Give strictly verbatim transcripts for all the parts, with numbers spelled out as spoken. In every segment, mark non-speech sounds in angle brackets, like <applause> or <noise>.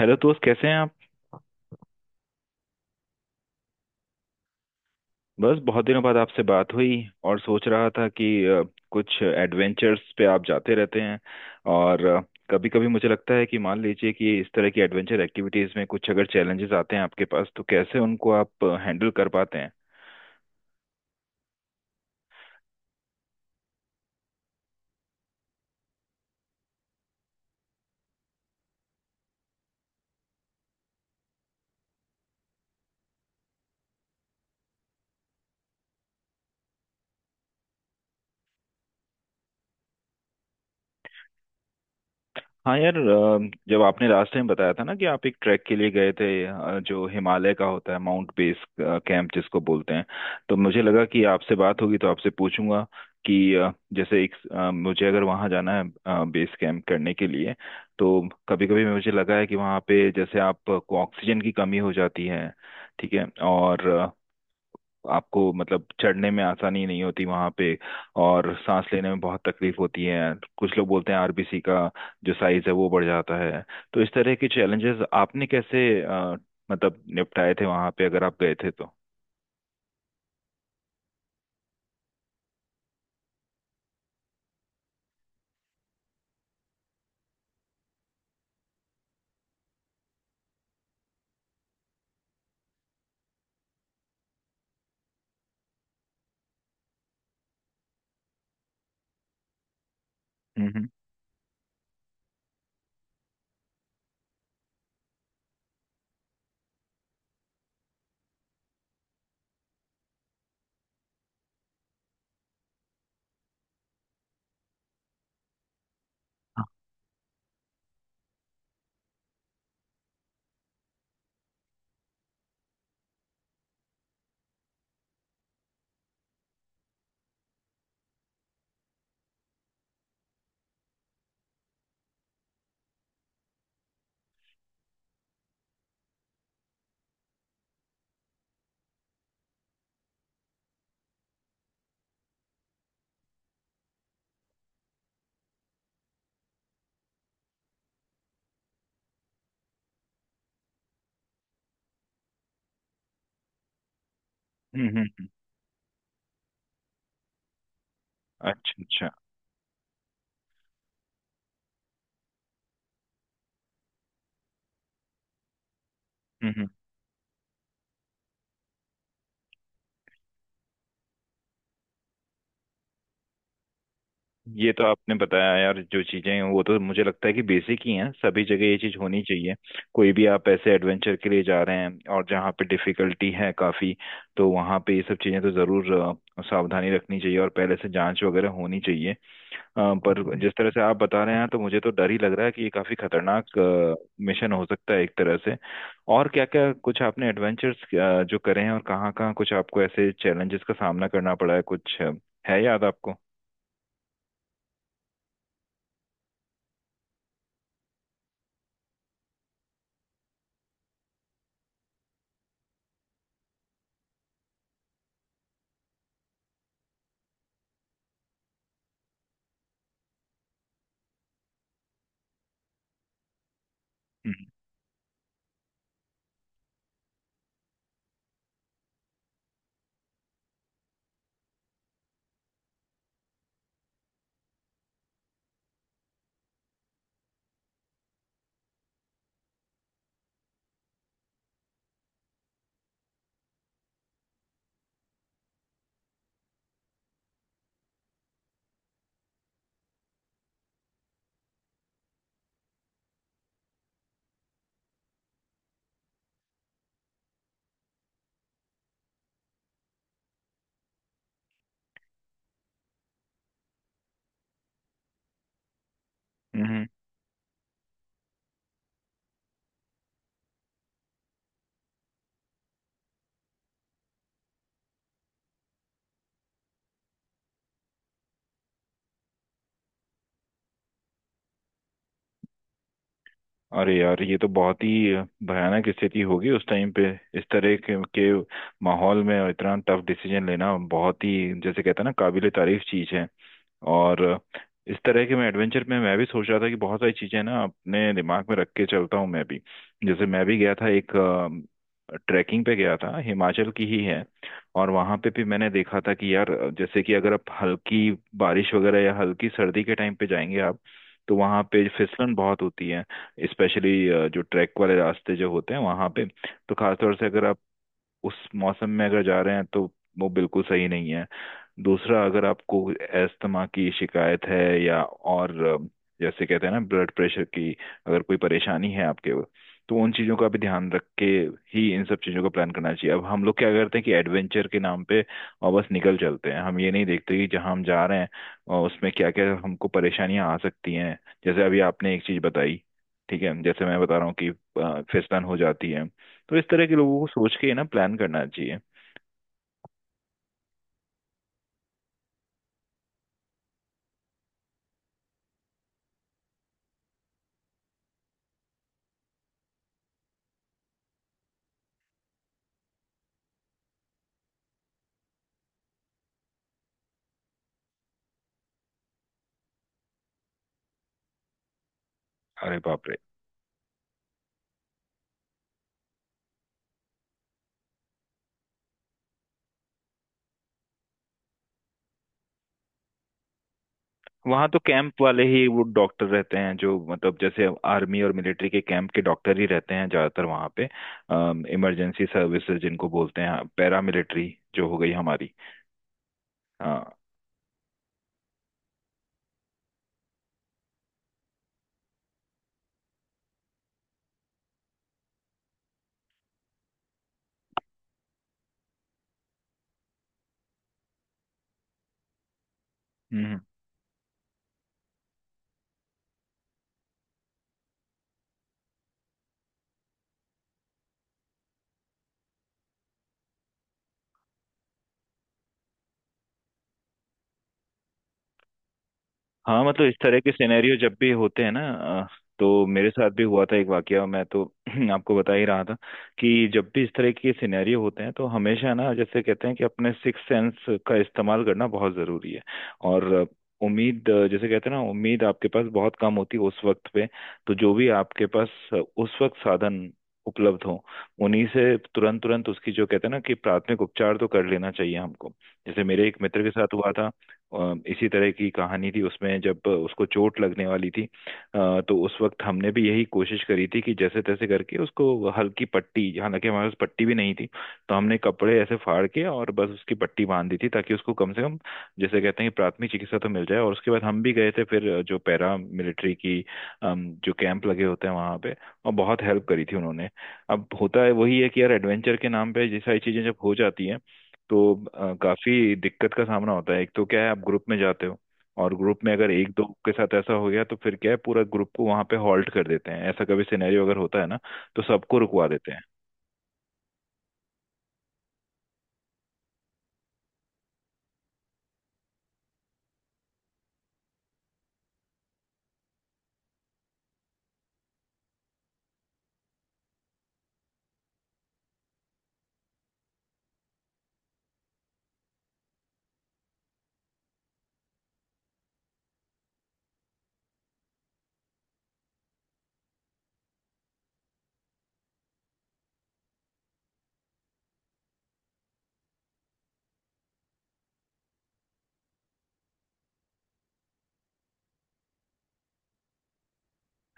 Hello दोस्त, कैसे हैं आप। बस बहुत दिनों बाद आपसे बात हुई और सोच रहा था कि अ, कुछ एडवेंचर्स पे आप जाते रहते हैं। और कभी कभी मुझे लगता है कि मान लीजिए कि इस तरह की एडवेंचर एक्टिविटीज में कुछ अगर चैलेंजेस आते हैं आपके पास, तो कैसे उनको आप हैंडल कर पाते हैं। हाँ यार, अ, जब आपने रास्ते में बताया था ना कि आप एक ट्रैक के लिए गए थे, अ, जो हिमालय का होता है माउंट बेस कैंप जिसको बोलते हैं, तो मुझे लगा कि आपसे बात होगी तो आपसे पूछूंगा कि अ, जैसे एक, अ, मुझे अगर वहाँ जाना है बेस कैंप करने के लिए, तो कभी कभी मुझे लगा है कि वहाँ पे जैसे आपको ऑक्सीजन की कमी हो जाती है, ठीक है, और आपको मतलब चढ़ने में आसानी नहीं होती वहां पे, और सांस लेने में बहुत तकलीफ होती है। कुछ लोग बोलते हैं आर बी सी का जो साइज है वो बढ़ जाता है। तो इस तरह के चैलेंजेस आपने कैसे अ, मतलब निपटाए थे वहां पे, अगर आप गए थे तो? हम्म, हम्म, हम्म, हम्म। अच्छा, अच्छा। हम्म, हम्म। ये तो आपने बताया यार, जो चीजें हैं वो तो मुझे लगता है कि बेसिक ही हैं। सभी जगह ये चीज होनी चाहिए। कोई भी आप ऐसे एडवेंचर के लिए जा रहे हैं और जहाँ पे डिफिकल्टी है काफी, तो वहाँ पे ये सब चीजें तो जरूर अ, सावधानी रखनी चाहिए और पहले से जांच वगैरह होनी चाहिए। अ, पर जिस तरह से आप बता रहे हैं तो मुझे तो डर ही लग रहा है कि ये काफी खतरनाक मिशन हो सकता है एक तरह से। और क्या क्या कुछ आपने एडवेंचर्स जो करे हैं और कहाँ कहाँ कुछ आपको ऐसे चैलेंजेस का सामना करना पड़ा है कुछ, अ, है याद आपको? हम्म, हम्म। अरे यार, ये तो बहुत ही भयानक स्थिति होगी उस टाइम पे। इस तरह के, के माहौल में इतना टफ डिसीजन लेना बहुत ही, जैसे कहते हैं ना, काबिले तारीफ चीज है। और इस तरह के मैं एडवेंचर में मैं भी सोच रहा था कि बहुत सारी चीजें ना अपने दिमाग में रख के चलता हूँ मैं भी। जैसे मैं भी गया था एक ट्रैकिंग पे, गया था हिमाचल की ही है। और वहां पे भी मैंने देखा था कि यार, जैसे कि अगर आप हल्की बारिश वगैरह या हल्की सर्दी के टाइम पे जाएंगे आप, तो वहां पे फिसलन बहुत होती है। स्पेशली जो ट्रैक वाले रास्ते जो होते हैं वहां पे, तो खासतौर से अगर उस मौसम में अगर जा रहे हैं तो वो बिल्कुल सही नहीं है। दूसरा, अगर आपको अस्थमा की शिकायत है या और अ, जैसे कहते हैं ना ब्लड प्रेशर की, अगर कोई परेशानी है आपके, तो उन चीज़ों का भी ध्यान रख के ही इन सब चीज़ों का प्लान करना चाहिए। अब हम लोग क्या करते हैं कि एडवेंचर के नाम पे और बस निकल चलते हैं। हम ये नहीं देखते कि जहाँ हम जा रहे हैं और उसमें क्या क्या हमको परेशानियां आ सकती हैं। जैसे अभी आपने एक चीज़ बताई, ठीक है, जैसे मैं बता रहा हूँ कि अ, फिसलन हो जाती है, तो इस तरह के लोगों को सोच के ही ना प्लान करना चाहिए। अरे बाप रे। वहां तो कैंप वाले ही वो डॉक्टर रहते हैं, जो मतलब जैसे आर्मी और मिलिट्री के कैंप के डॉक्टर ही रहते हैं ज्यादातर वहां पे। इमरजेंसी सर्विसेज जिनको बोलते हैं, पैरा मिलिट्री जो हो गई हमारी। हाँ। हम्म। हाँ, मतलब इस तरह के सिनेरियो जब भी होते हैं ना, अ, तो मेरे साथ भी हुआ था एक वाकया, मैं तो <clears throat> आपको बता ही रहा था कि जब भी इस तरह के सिनेरियो होते हैं तो हमेशा ना, जैसे कहते हैं कि अपने सिक्स सेंस का इस्तेमाल करना बहुत जरूरी है। और अ, उम्मीद, अ, जैसे कहते हैं ना, उम्मीद आपके पास बहुत कम होती है उस वक्त पे, तो जो भी आपके पास अ, उस वक्त साधन उपलब्ध हो उन्हीं से तुरंत तुरंत उसकी, जो कहते हैं ना कि प्राथमिक उपचार, तो कर लेना चाहिए हमको। जैसे मेरे एक मित्र के साथ हुआ था, अ, इसी तरह की कहानी थी उसमें। जब उसको चोट लगने वाली थी अ, तो उस वक्त हमने भी यही कोशिश करी थी कि जैसे तैसे करके उसको हल्की पट्टी, हालांकि हमारे पास पट्टी भी नहीं थी, तो हमने कपड़े ऐसे फाड़ के और बस उसकी पट्टी बांध दी थी, ताकि उसको कम से कम, जैसे कहते हैं कि, प्राथमिक चिकित्सा तो मिल जाए। और उसके बाद हम भी गए थे फिर जो पैरा मिलिट्री की अम, जो कैंप लगे होते हैं वहां पे, और बहुत हेल्प करी थी उन्होंने। अब होता है वही है कि यार एडवेंचर के नाम पे ये सारी चीजें जब हो जाती हैं, तो अ, काफी दिक्कत का सामना होता है। एक तो क्या है, आप ग्रुप में जाते हो और ग्रुप में अगर एक दो के साथ ऐसा हो गया तो फिर क्या है, पूरा ग्रुप को वहां पे हॉल्ट कर देते हैं। ऐसा कभी सिनेरियो अगर होता है ना, तो सबको रुकवा देते हैं।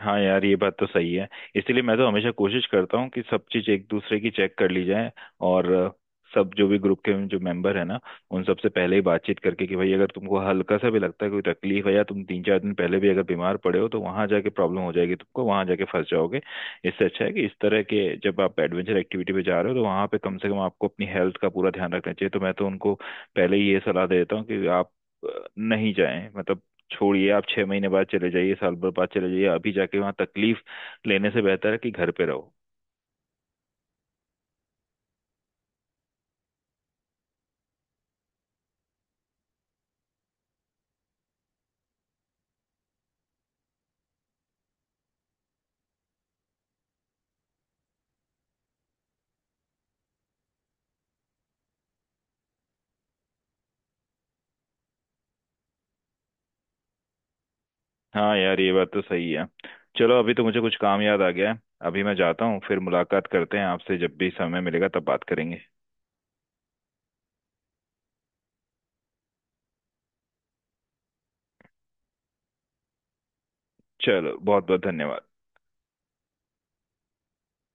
हाँ यार, ये बात तो सही है। इसलिए मैं तो हमेशा कोशिश करता हूँ कि सब चीज एक दूसरे की चेक कर ली जाए। और अ, सब जो भी ग्रुप के जो मेंबर है ना, उन सबसे पहले ही बातचीत करके कि भाई, अगर तुमको हल्का सा भी लगता है कोई तकलीफ है, या तुम तीन चार दिन पहले भी अगर बीमार पड़े हो, तो वहां जाके प्रॉब्लम हो जाएगी, तुमको वहां जाके फंस जाओगे। इससे अच्छा है कि इस तरह के जब आप एडवेंचर एक्टिविटी पे जा रहे हो तो वहां पे कम से कम आपको अपनी हेल्थ का पूरा ध्यान रखना चाहिए। तो मैं तो उनको पहले ही ये सलाह दे देता हूँ कि आप अ, नहीं जाएं मतलब, छोड़िए, आप छह महीने बाद चले जाइए, साल भर बाद चले जाइए, अभी जाके वहां तकलीफ लेने से बेहतर है कि घर पे रहो। हाँ यार, ये बात तो सही है। चलो, अभी तो मुझे कुछ काम याद आ गया है, अभी मैं जाता हूँ। फिर मुलाकात करते हैं आपसे, जब भी समय मिलेगा तब बात करेंगे। चलो, बहुत बहुत धन्यवाद।